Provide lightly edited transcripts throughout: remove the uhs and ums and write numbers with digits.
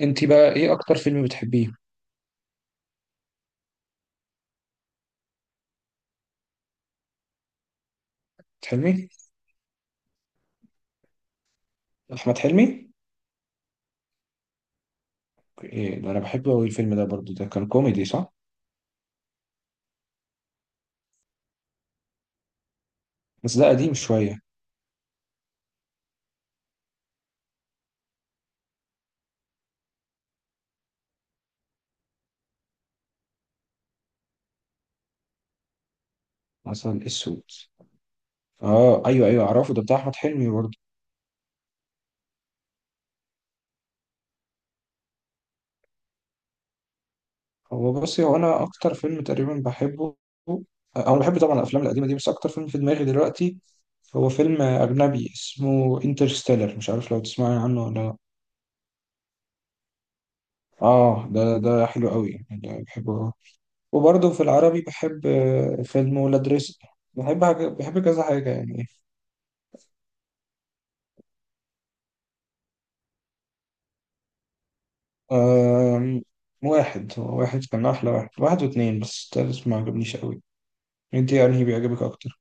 انت بقى ايه اكتر فيلم بتحبيه؟ حلمي. احمد حلمي. ايه ده، انا بحبه قوي الفيلم ده برضو، ده كان كوميدي صح؟ بس ده قديم شويه. مثلا اسود. اه ايوه ايوه، اعرفه، ده بتاع احمد حلمي برضو. هو بصي، انا اكتر فيلم تقريبا بحبه، آه، او بحب طبعا الافلام القديمه دي، بس اكتر فيلم في دماغي دلوقتي هو فيلم اجنبي اسمه انترستيلر، مش عارف لو تسمعي عنه ولا لا. اه ده ده حلو قوي يعني بحبه. وبرضه في العربي بحب فيلم ولاد رزق. بحب حاجة، بحب كذا حاجة يعني. آم، واحد. واحد كان أحلى، واحد واحد واتنين، بس التالت ما عجبنيش أوي. انت يعني بيعجبك أكتر؟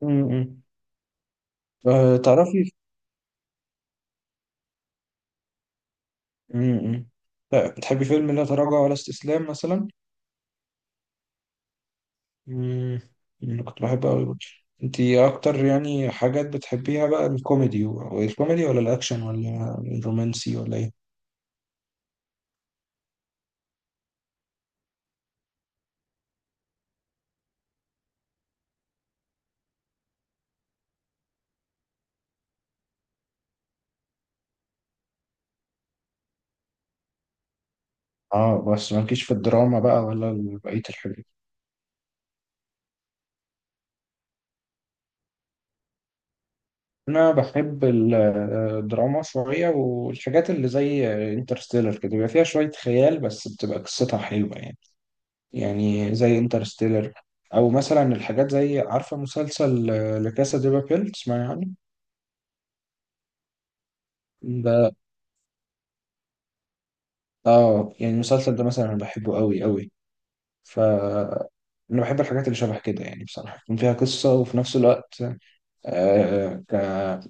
م-م. تعرفي، م-م. لا، بتحبي فيلم لا تراجع ولا استسلام مثلا؟ م-م. أنا كنت بحبه أوي برضه. انت أكتر يعني حاجات بتحبيها بقى، الكوميدي والكوميدي ولا الأكشن ولا الرومانسي ولا إيه؟ اه، بس مالكيش في الدراما بقى ولا بقية الحاجات؟ انا بحب الدراما شويه، والحاجات اللي زي انترستيلر كده بيبقى فيها شويه خيال بس بتبقى قصتها حلوه يعني. يعني زي انترستيلر، او مثلا الحاجات زي، عارفه مسلسل لكاسا دي بابيل؟ تسمعي عنه؟ ده، اه يعني المسلسل ده مثلا انا بحبه قوي قوي. ف انا بحب الحاجات اللي شبه كده يعني بصراحه، يكون فيها قصه وفي نفس الوقت، آه ك...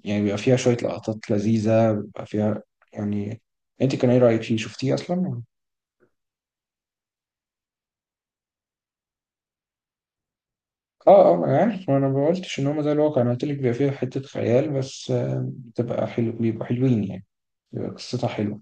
يعني بيبقى فيها شويه لقطات لذيذه بيبقى فيها يعني. انت كان ايه رايك فيه، شفتيه اصلا؟ اه اه، ما انا عارف، ما قلتش ان هم زي الواقع، انا قلت لك بيبقى فيها حته خيال بس، بتبقى حلو، بيبقوا حلوين يعني، بيبقى قصتها حلوه.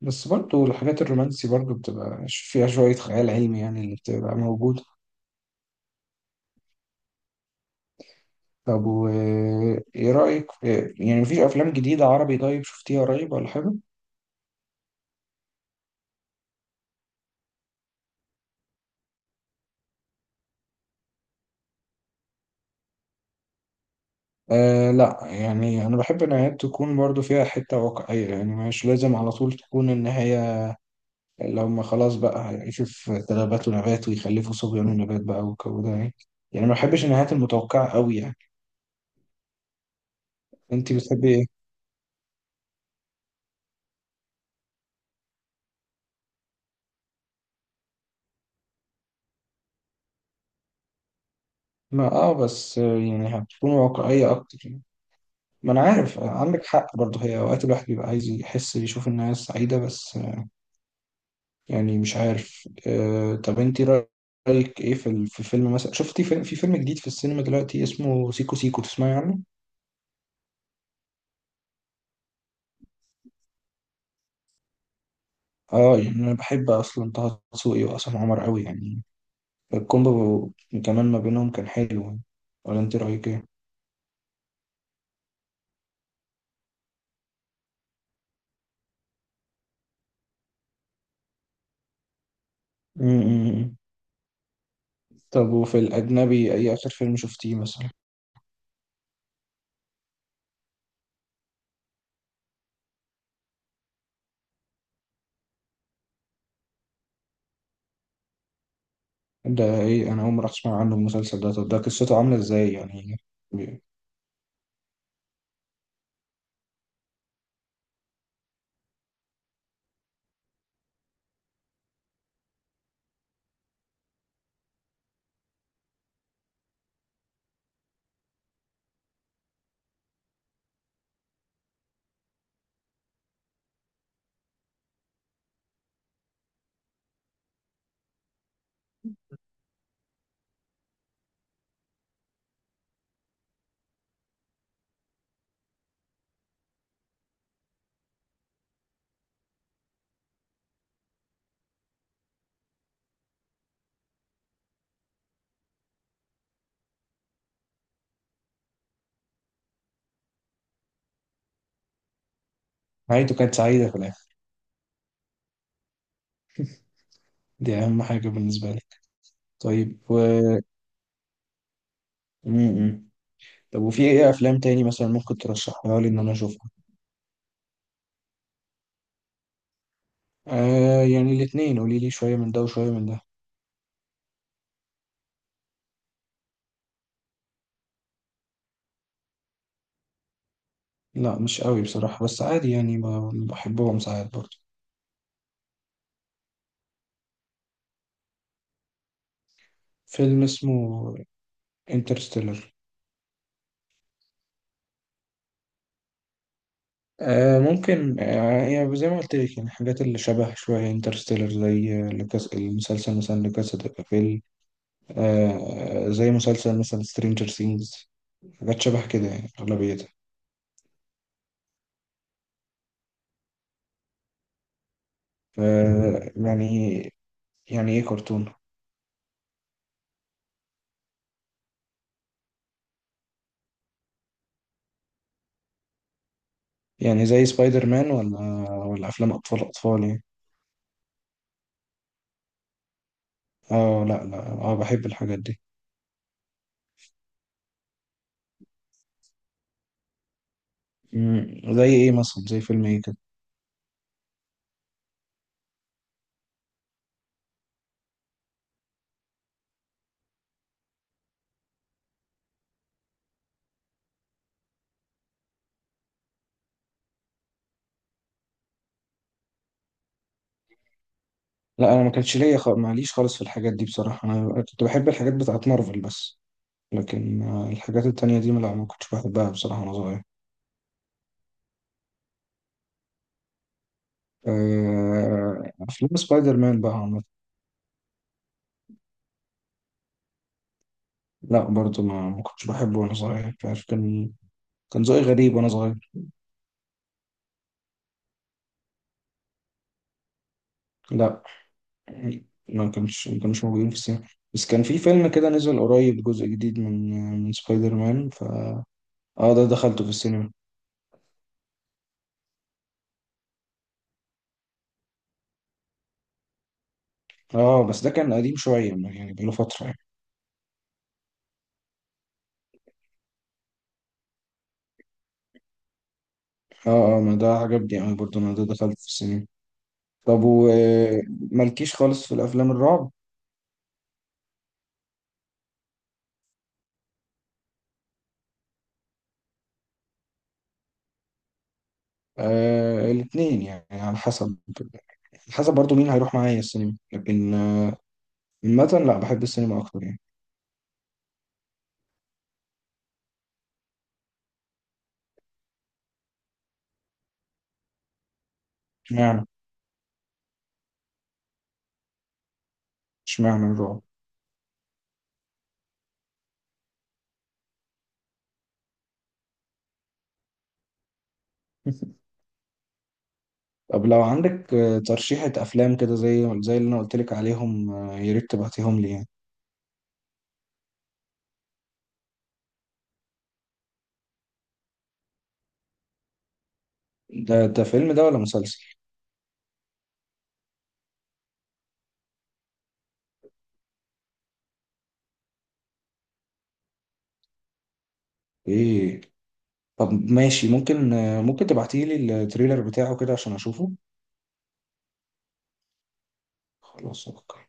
بس برضو الحاجات الرومانسي برضو بتبقى فيها شويه خيال علمي يعني اللي بتبقى موجوده. طب و ايه رايك، يعني مفيش افلام جديده عربي طيب شفتيها قريب ولا حاجه؟ آه لا، يعني انا بحب النهايات تكون برضو فيها حته واقعيه، يعني مش لازم على طول تكون النهايه اللي هم خلاص بقى هيعيشوا في تلابات ونبات ويخلفوا صبيان ونبات بقى والجو ده يعني. يعني ما بحبش النهايات المتوقعة قوي يعني. انت بتحبي ايه؟ ما اه، بس يعني هتكون واقعية اكتر يعني. ما انا عارف، عندك حق برضه، هي اوقات الواحد بيبقى عايز يحس يشوف الناس سعيدة، بس يعني مش عارف. آه طب انت رأيك ايه في في فيلم مثلا، شفتي فيلم، في فيلم جديد في السينما دلوقتي اسمه سيكو سيكو؟ تسمعي عنه؟ اه يعني انا بحب اصلا طه دسوقي وعصام عمر قوي يعني، الكومبو كمان ما بينهم كان حلو يعني. ولا انت رأيك ايه؟ امم. طب وفي الأجنبي أي آخر فيلم شفتيه مثلا؟ ده إيه، أنا أول مرة أسمع عنه المسلسل ده، طب ده قصته عاملة إزاي يعني؟ بي- نهايته كانت سعيدة في الآخر؟ دي أهم حاجة بالنسبة لي. طيب و... امم. طب وفي إيه أفلام تاني مثلا ممكن ترشحها لي إن أنا أشوفها؟ آه يعني الاتنين، قولي لي شوية من ده وشوية من ده. لا مش قوي بصراحة، بس عادي يعني، بحبهم ساعات برضه. فيلم اسمه انترستيلر. آه ممكن، آه يعني زي ما قلت لك، يعني الحاجات اللي شبه شوية انترستيلر، زي لكاس المسلسل مثلا لكاسا دي بابيل، آه زي مسلسل مثلا سترينجر سينجز، حاجات شبه كده يعني أغلبيتها. ف- يعني، يعني إيه كرتون؟ يعني زي سبايدر مان، ولا ولا أفلام أطفال أطفال يعني؟ اه لا لا، اه بحب الحاجات دي. مم، زي ايه مثلا، زي فيلم ايه كده؟ لا انا ما كانش ليا معليش، خالص في الحاجات دي بصراحه، انا كنت بحب الحاجات بتاعت مارفل بس، لكن الحاجات التانية دي لا ما كنتش بحبها بصراحة وأنا صغير. أفلام سبايدر مان بقى عامة. لا برضو ما كنتش بحبه وأنا صغير، مش عارف، كان كان ذوقي غريب وأنا صغير. لا، ما كانش موجودين في السينما، بس كان في فيلم كده نزل قريب، جزء جديد من من سبايدر مان، ف اه ده دخلته في السينما. اه بس ده كان قديم شوية يعني، بقاله فترة يعني. اه اه ما ده عجبني أوي برضو، أنا ده دخلته في السينما. طب ومالكيش خالص في الأفلام الرعب؟ آه الاثنين يعني على حسب، حسب برضو مين هيروح معايا السينما، لكن عامة لا، بحب السينما أكتر يعني. اشمعنى، اشمعنى الرعب؟ طب لو عندك ترشيحة أفلام كده زي زي اللي أنا قلت لك عليهم، يا ريت تبعتيهم لي يعني. ده ده فيلم ده ولا مسلسل؟ إيه؟ طب ماشي، ممكن ممكن تبعتيلي التريلر بتاعه كده عشان أشوفه. خلاص أوكي.